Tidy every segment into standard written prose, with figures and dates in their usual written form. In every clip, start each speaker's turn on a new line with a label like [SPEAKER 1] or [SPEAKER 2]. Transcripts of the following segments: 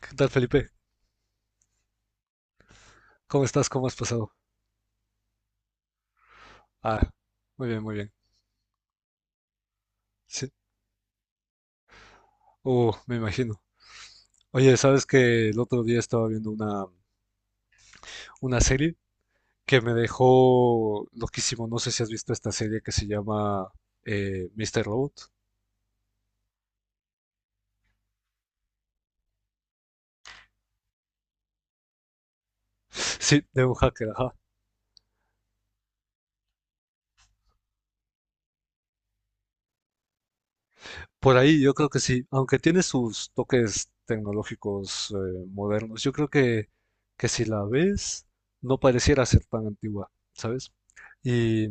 [SPEAKER 1] ¿Qué tal, Felipe? ¿Cómo estás? ¿Cómo has pasado? Ah, muy bien, muy bien. Sí. Me imagino. Oye, ¿sabes que el otro día estaba viendo una serie que me dejó loquísimo? No sé si has visto esta serie que se llama Mr. Robot. Sí, de un hacker, ajá. Por ahí yo creo que sí, aunque tiene sus toques tecnológicos modernos, yo creo que si la ves, no pareciera ser tan antigua, ¿sabes? Y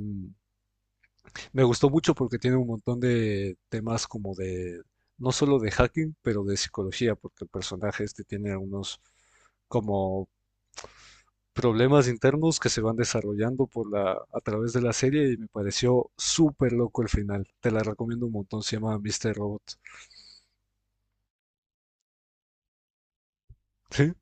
[SPEAKER 1] Me gustó mucho porque tiene un montón de temas como de, no solo de hacking, pero de psicología, porque el personaje este tiene unos como problemas internos que se van desarrollando por a través de la serie, y me pareció súper loco el final. Te la recomiendo un montón, se llama Mr. Robot. ¿Sí?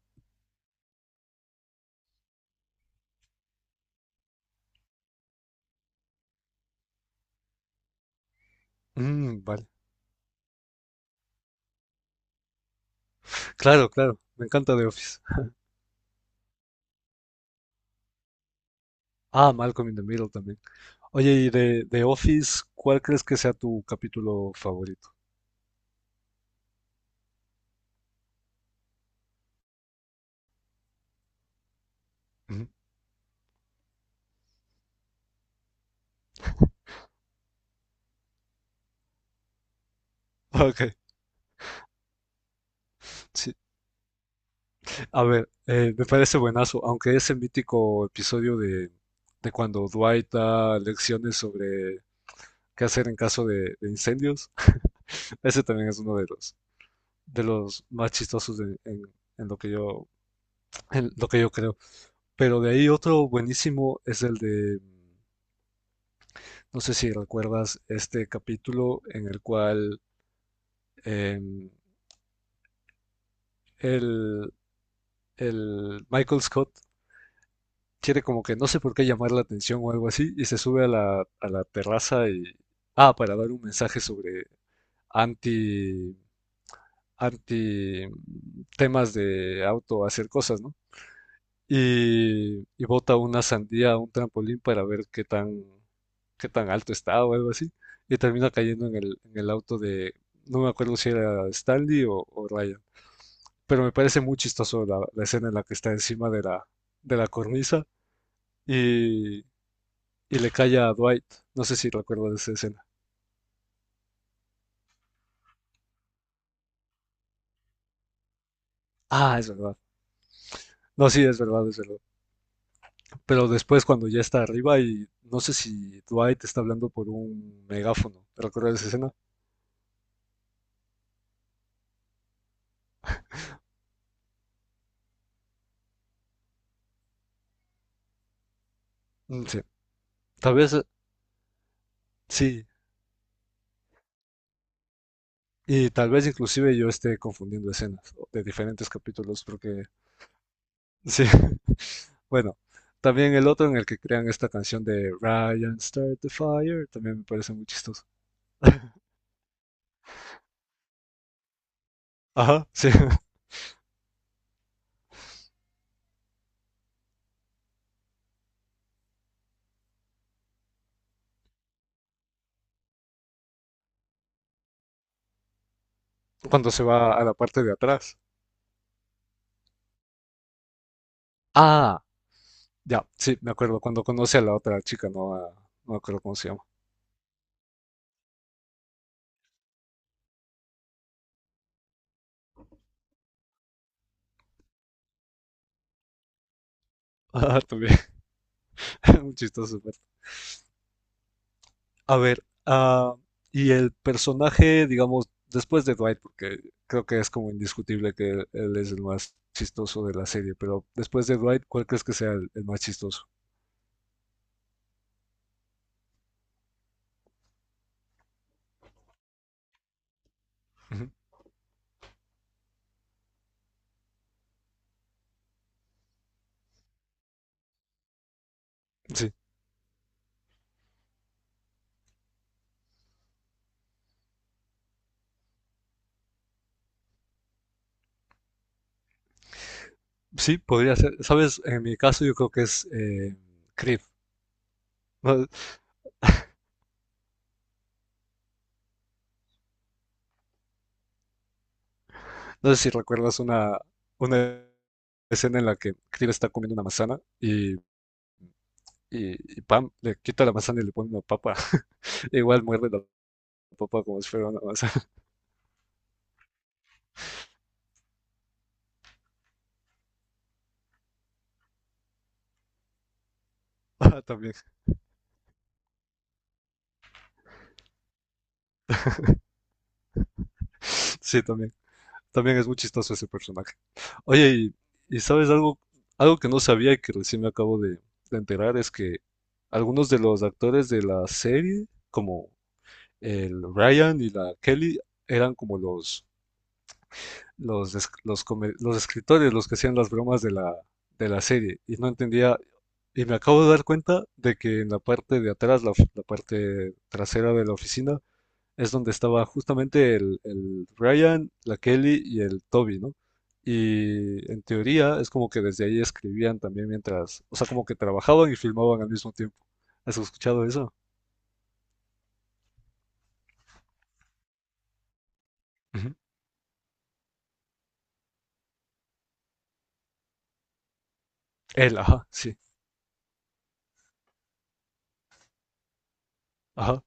[SPEAKER 1] Mm, vale. Claro, claro. Me encanta The Office. Ah, Malcolm in the Middle también. Oye, y de Office, ¿cuál crees que sea tu capítulo favorito? Ujú. Ok, sí. A ver, me parece buenazo, aunque ese mítico episodio de cuando Dwight da lecciones sobre qué hacer en caso de incendios, ese también es uno de de los más chistosos en lo que en lo que yo creo. Pero de ahí otro buenísimo es el no sé si recuerdas este capítulo en el cual em, el, el Michael Scott quiere como que no sé por qué llamar la atención o algo así, y se sube a a la terraza y... Ah, para dar un mensaje sobre anti, anti temas de auto hacer cosas, ¿no? Y bota una sandía a un trampolín para ver qué tan alto está o algo así. Y termina cayendo en el auto de, no me acuerdo si era Stanley o Ryan. Pero me parece muy chistoso la escena en la que está encima de de la cornisa y, y le cae a Dwight. No sé si recuerdo de esa escena. Ah, es verdad. No, sí, es verdad, es verdad. Pero después cuando ya está arriba y no sé si Dwight está hablando por un megáfono. ¿Recuerdas esa escena? Mm, sí, tal vez sí. Y tal vez inclusive yo esté confundiendo escenas de diferentes capítulos porque sí. Bueno, también el otro en el que crean esta canción de Ryan Start the Fire también me parece muy chistoso. Ajá, sí. Cuando se va a la parte de atrás. Ah, ya, sí, me acuerdo cuando conocí a la otra chica, no, A- no me acuerdo cómo se llama. Ah, también, un chistoso. Pero- a ver, ah, y el personaje, digamos, después de Dwight, porque creo que es como indiscutible que él es el más chistoso de la serie, pero después de Dwight, ¿cuál crees que sea el más chistoso? Ujú, sí, sí, podría ser. Sabes, en mi caso yo creo que es Creed. No, no sé si recuerdas una escena en la que Creed está comiendo una manzana y pam, le quita la manzana y le pone una papa. Igual muerde la papa como si fuera una manzana. Ah, también. Sí, también. También es muy chistoso ese personaje. Oye, y sabes algo, algo que no sabía y que recién me acabo de enterar es que algunos de los actores de la serie, como el Ryan y la Kelly, eran como los los escritores, los que hacían las bromas de de la serie, y no entendía, y me acabo de dar cuenta de que en la parte de atrás, la parte trasera de la oficina, es donde estaba justamente el Ryan, la Kelly y el Toby, ¿no? Y en teoría es como que desde ahí escribían también mientras, o sea, como que trabajaban y filmaban al mismo tiempo. ¿Has escuchado eso? Ujú. Él, ajá, sí, ajá.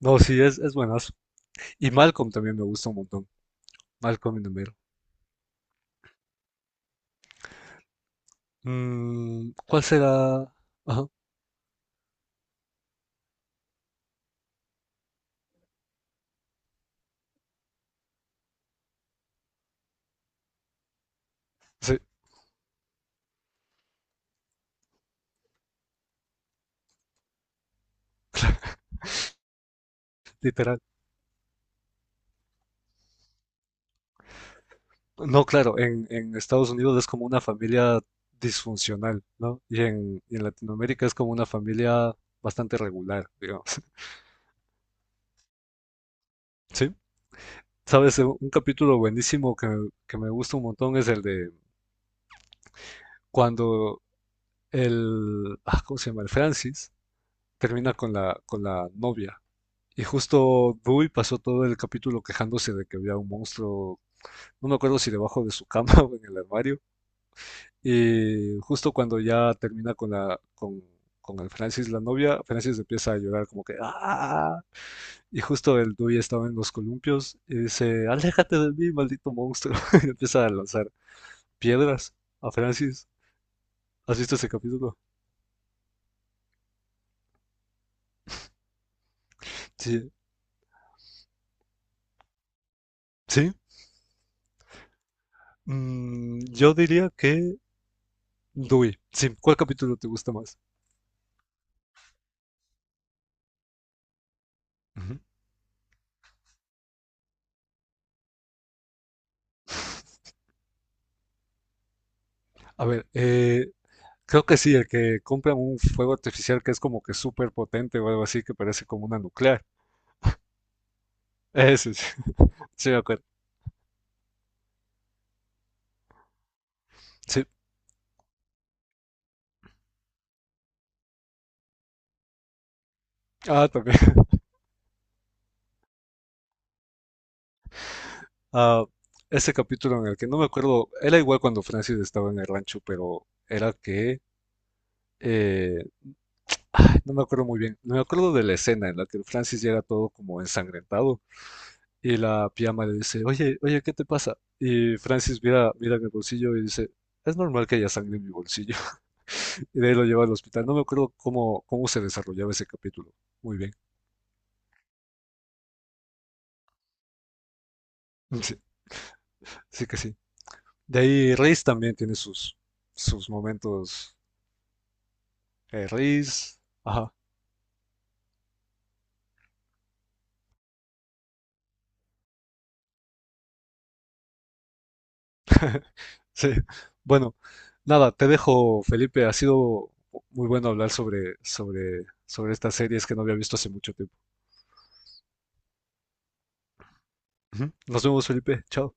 [SPEAKER 1] No, sí, es buenazo. Y Malcolm también me gusta un montón. Malcolm in the Middle. Mm, ¿cuál será? Ajá, sí, literal. No, claro, en Estados Unidos es como una familia disfuncional, ¿no? Y en Latinoamérica es como una familia bastante regular, digamos. Sí, sabes, un capítulo buenísimo que me gusta un montón es el de cuando el, ah, ¿cómo se llama? El Francis termina con con la novia. Y justo Dewey pasó todo el capítulo quejándose de que había un monstruo, no me acuerdo si debajo de su cama o en el armario. Y justo cuando ya termina con con el Francis, la novia, Francis empieza a llorar como que, ¡ah! Y justo el Dewey estaba en los columpios y dice, aléjate de mí, maldito monstruo. Y empieza a lanzar piedras a Francis. ¿Has visto ese capítulo? Sí. ¿Sí? Mm, yo diría que Dewey. Sí, ¿cuál capítulo te gusta más? Ujú. A ver, creo que sí, el que compra un fuego artificial que es como que súper potente o algo así, que parece como una nuclear. Ese, sí, sí me acuerdo. Sí, ah, también. Ah, ese capítulo en el que no me acuerdo, era igual cuando Francis estaba en el rancho, pero era que eh, ay, no me acuerdo muy bien. No me acuerdo de la escena en la que Francis llega todo como ensangrentado y la pijama le dice, oye, oye, ¿qué te pasa? Y Francis mira en el bolsillo y dice, es normal que haya sangre en mi bolsillo. Y de ahí lo lleva al hospital. No me acuerdo cómo se desarrollaba ese capítulo. Muy bien. Sí, sí que sí. De ahí Reis también tiene sus momentos. Riz. Ajá. Sí. Bueno, nada, te dejo, Felipe. Ha sido muy bueno hablar sobre estas series que no había visto hace mucho tiempo. Ujú. Nos vemos, Felipe. Chao.